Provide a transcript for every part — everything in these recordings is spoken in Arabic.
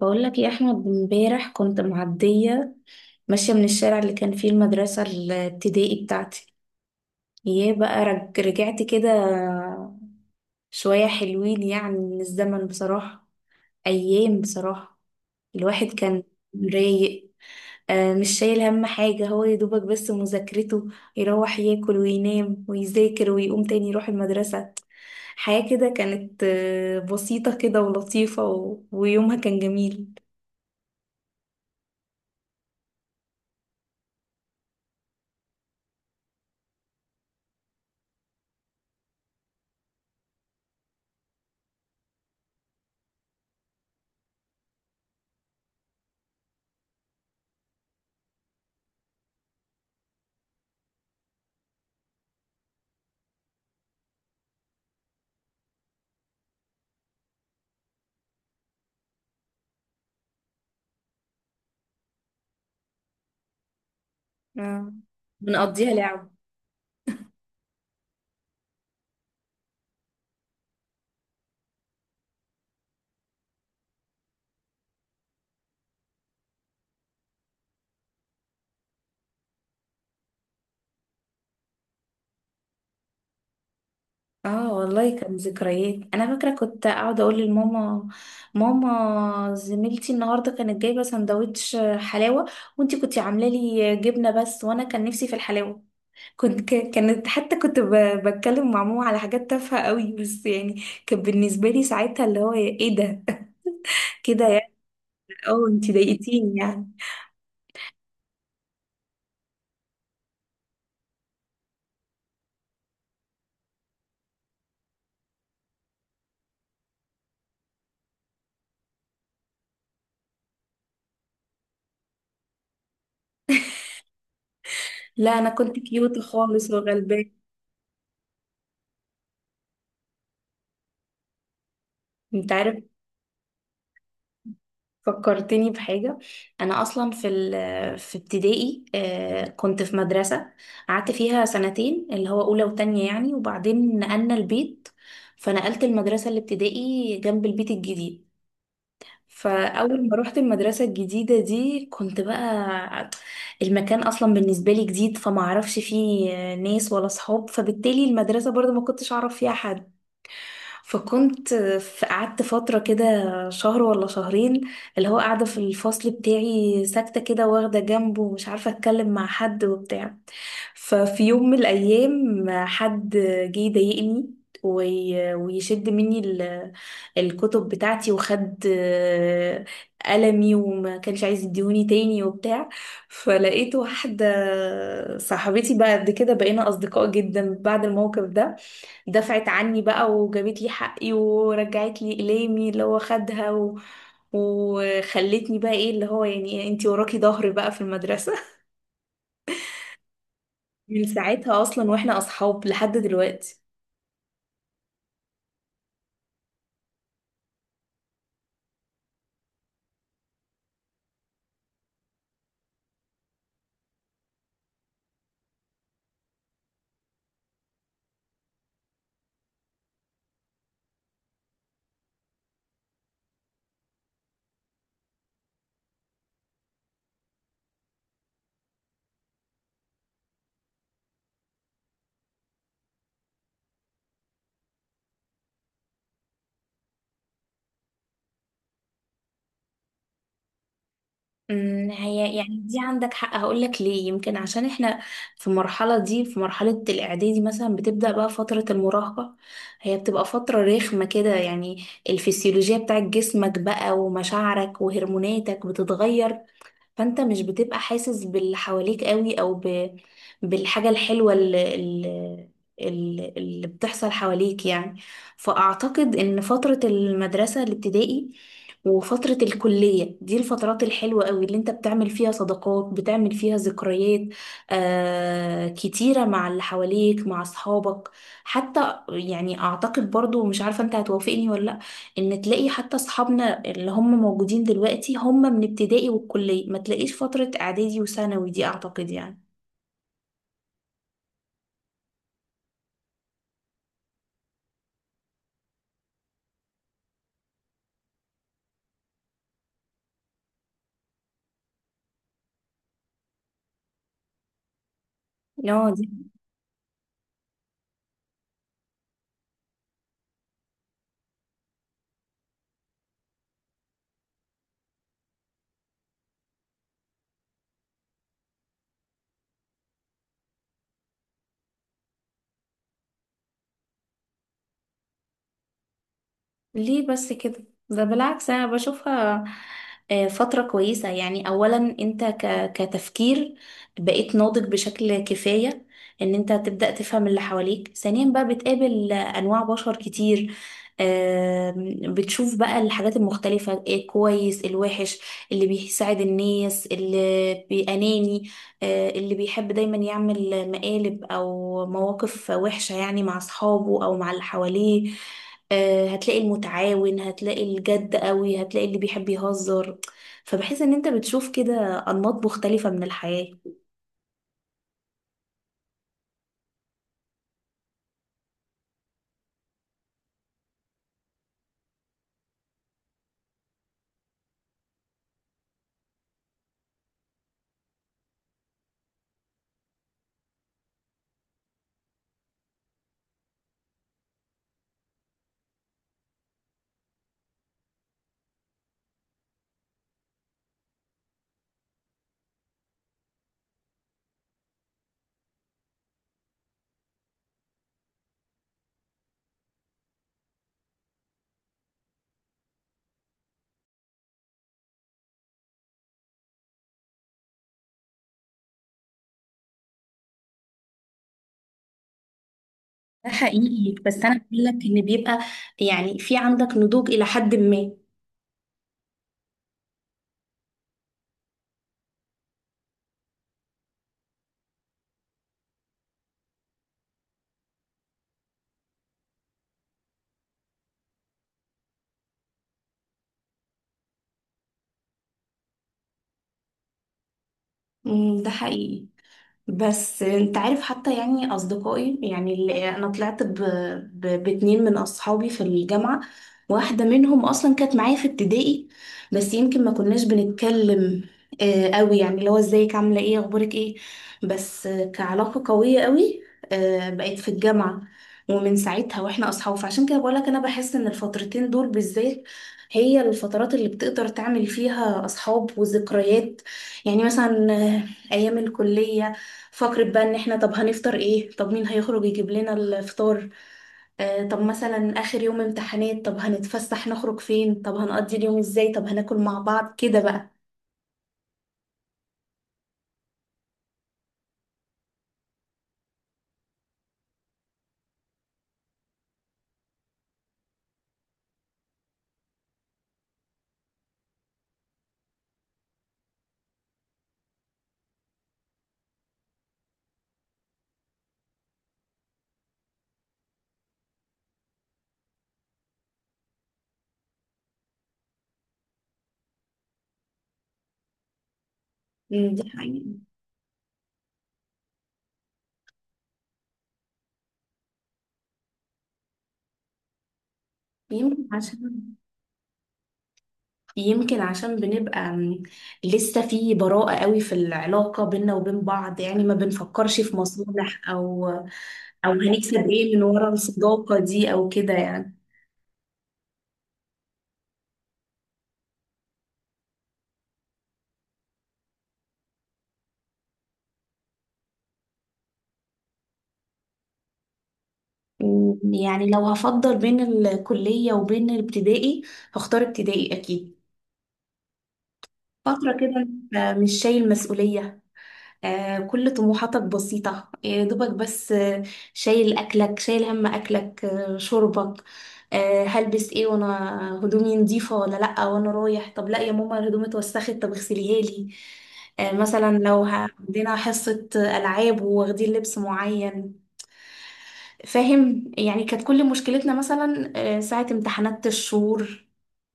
بقول لك يا احمد، امبارح كنت معديه ماشيه من الشارع اللي كان فيه المدرسه الابتدائي بتاعتي. يا بقى رجعت كده شويه حلوين، يعني من الزمن بصراحه. ايام بصراحه، الواحد كان رايق. مش شايل هم حاجه، هو يا دوبك بس مذاكرته. يروح ياكل وينام ويذاكر ويقوم تاني يروح المدرسه. حياه كده كانت بسيطه كده ولطيفه، ويومها كان جميل. اه، بنقضيها لعب. اه والله، كان ذكريات. انا فاكره كنت اقعد اقول لماما: ماما، زميلتي النهارده كانت جايبه سندوتش حلاوه، وانتي كنتي عامله لي جبنه بس، وانا كان نفسي في الحلاوه. كانت حتى كنت بتكلم مع ماما على حاجات تافهه قوي، بس يعني كان بالنسبه لي ساعتها اللي هو إيه ده. كده يعني. اه، انتي ضايقتيني يعني. لا، انا كنت كيوت خالص وغلبانه. انت عارف، فكرتني بحاجة. أنا أصلا في ابتدائي، كنت في مدرسة قعدت فيها سنتين، اللي هو أولى وتانية يعني، وبعدين نقلنا البيت، فنقلت المدرسة الابتدائي جنب البيت الجديد. فأول ما روحت المدرسة الجديدة دي كنت بقى، المكان أصلا بالنسبة لي جديد، فما أعرفش فيه ناس ولا صحاب، فبالتالي المدرسة برضو ما كنتش أعرف فيها حد. فكنت قعدت فترة كده، شهر ولا شهرين، اللي هو قاعدة في الفصل بتاعي ساكتة كده، واخدة جنبه ومش عارفة اتكلم مع حد وبتاع. ففي يوم من الأيام حد جه يضايقني ويشد مني الكتب بتاعتي، وخد قلمي، وما كانش عايز يديهوني تاني وبتاع. فلقيت واحدة صاحبتي، بعد كده بقينا أصدقاء جدا بعد الموقف ده، دفعت عني بقى وجابت لي حقي ورجعت لي إقلامي اللي هو خدها، وخلتني بقى ايه، اللي هو يعني انتي وراكي ظهري بقى في المدرسة. من ساعتها اصلا واحنا اصحاب لحد دلوقتي. هي يعني دي عندك حق. هقولك ليه، يمكن عشان احنا في المرحلة دي، في مرحلة الإعدادي مثلا، بتبدأ بقى فترة المراهقة. هي بتبقى فترة رخمة كده يعني، الفسيولوجيا بتاعت جسمك بقى ومشاعرك وهرموناتك بتتغير، فانت مش بتبقى حاسس باللي حواليك قوي، او بالحاجة الحلوة اللي بتحصل حواليك يعني. فأعتقد إن فترة المدرسة الابتدائي وفترة الكلية دي الفترات الحلوة قوي، اللي انت بتعمل فيها صداقات، بتعمل فيها ذكريات كتيرة مع اللي حواليك، مع أصحابك. حتى يعني أعتقد برضو، مش عارفة انت هتوافقني ولا لأ، ان تلاقي حتى أصحابنا اللي هم موجودين دلوقتي هم من ابتدائي والكلية، ما تلاقيش فترة اعدادي وثانوي دي، اعتقد يعني. لا دي، ليه بس كده؟ ده بالعكس، انا بشوفها فترة كويسة. يعني اولا انت كتفكير بقيت ناضج بشكل كفاية، ان انت تبدأ تفهم اللي حواليك. ثانيا بقى بتقابل انواع بشر كتير، بتشوف بقى الحاجات المختلفة، الكويس الوحش، اللي بيساعد الناس، اللي بأناني، اللي بيحب دايما يعمل مقالب او مواقف وحشة يعني، مع اصحابه او مع اللي حواليه. هتلاقي المتعاون، هتلاقي الجد قوي، هتلاقي اللي بيحب يهزر. فبحس ان انت بتشوف كده انماط مختلفة من الحياة. ده حقيقي، بس انا بقول لك ان بيبقى يعني في عندك نضوج الى حد ما. ده حقيقي. بس انت عارف، حتى يعني اصدقائي يعني اللي انا طلعت باتنين من اصحابي في الجامعة، واحدة منهم اصلا كانت معايا في ابتدائي، بس يمكن ما كناش بنتكلم قوي، يعني اللي هو ازيك، عاملة ايه، اخبارك ايه. بس كعلاقة قوية قوي بقيت في الجامعة، ومن ساعتها واحنا اصحاب. فعشان كده بقولك، انا بحس ان الفترتين دول بالذات هي الفترات اللي بتقدر تعمل فيها اصحاب وذكريات. يعني مثلا ايام الكلية، فقرة بقى ان احنا طب هنفطر ايه؟ طب مين هيخرج يجيب لنا الفطار؟ طب مثلا اخر يوم امتحانات، طب هنتفسح نخرج فين؟ طب هنقضي اليوم ازاي؟ طب هناكل مع بعض كده بقى. دي حقيقة. يمكن عشان يمكن عشان بنبقى لسه في براءة قوي في العلاقة بينا وبين بعض، يعني ما بنفكرش في مصالح، او او هنكسب ايه من ورا الصداقة دي او كده يعني. يعني لو هفضل بين الكلية وبين الابتدائي، هختار ابتدائي اكيد. فترة كده انت مش شايل مسؤولية، كل طموحاتك بسيطة. يا دوبك بس شايل أكلك، شايل هم أكلك، شربك، هلبس ايه، وانا هدومي نضيفة ولا لأ وانا رايح، طب لأ يا ماما الهدوم اتوسخت طب اغسليها لي، مثلا لو عندنا حصة ألعاب وواخدين لبس معين. فاهم؟ يعني كانت كل مشكلتنا مثلا ساعة امتحانات الشهور،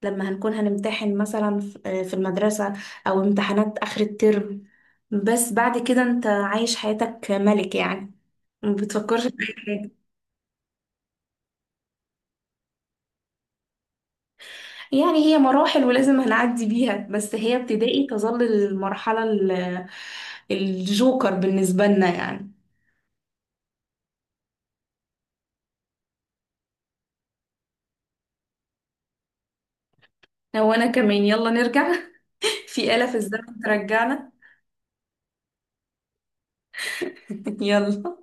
لما هنكون هنمتحن مثلا في المدرسة، أو امتحانات آخر الترم. بس بعد كده أنت عايش حياتك ملك يعني، ما بتفكرش في أي حاجة. يعني هي مراحل ولازم هنعدي بيها، بس هي ابتدائي تظل المرحلة الجوكر بالنسبة لنا يعني. هو أنا كمان، يلا نرجع. في آلة في الزمن ترجعنا. يلا.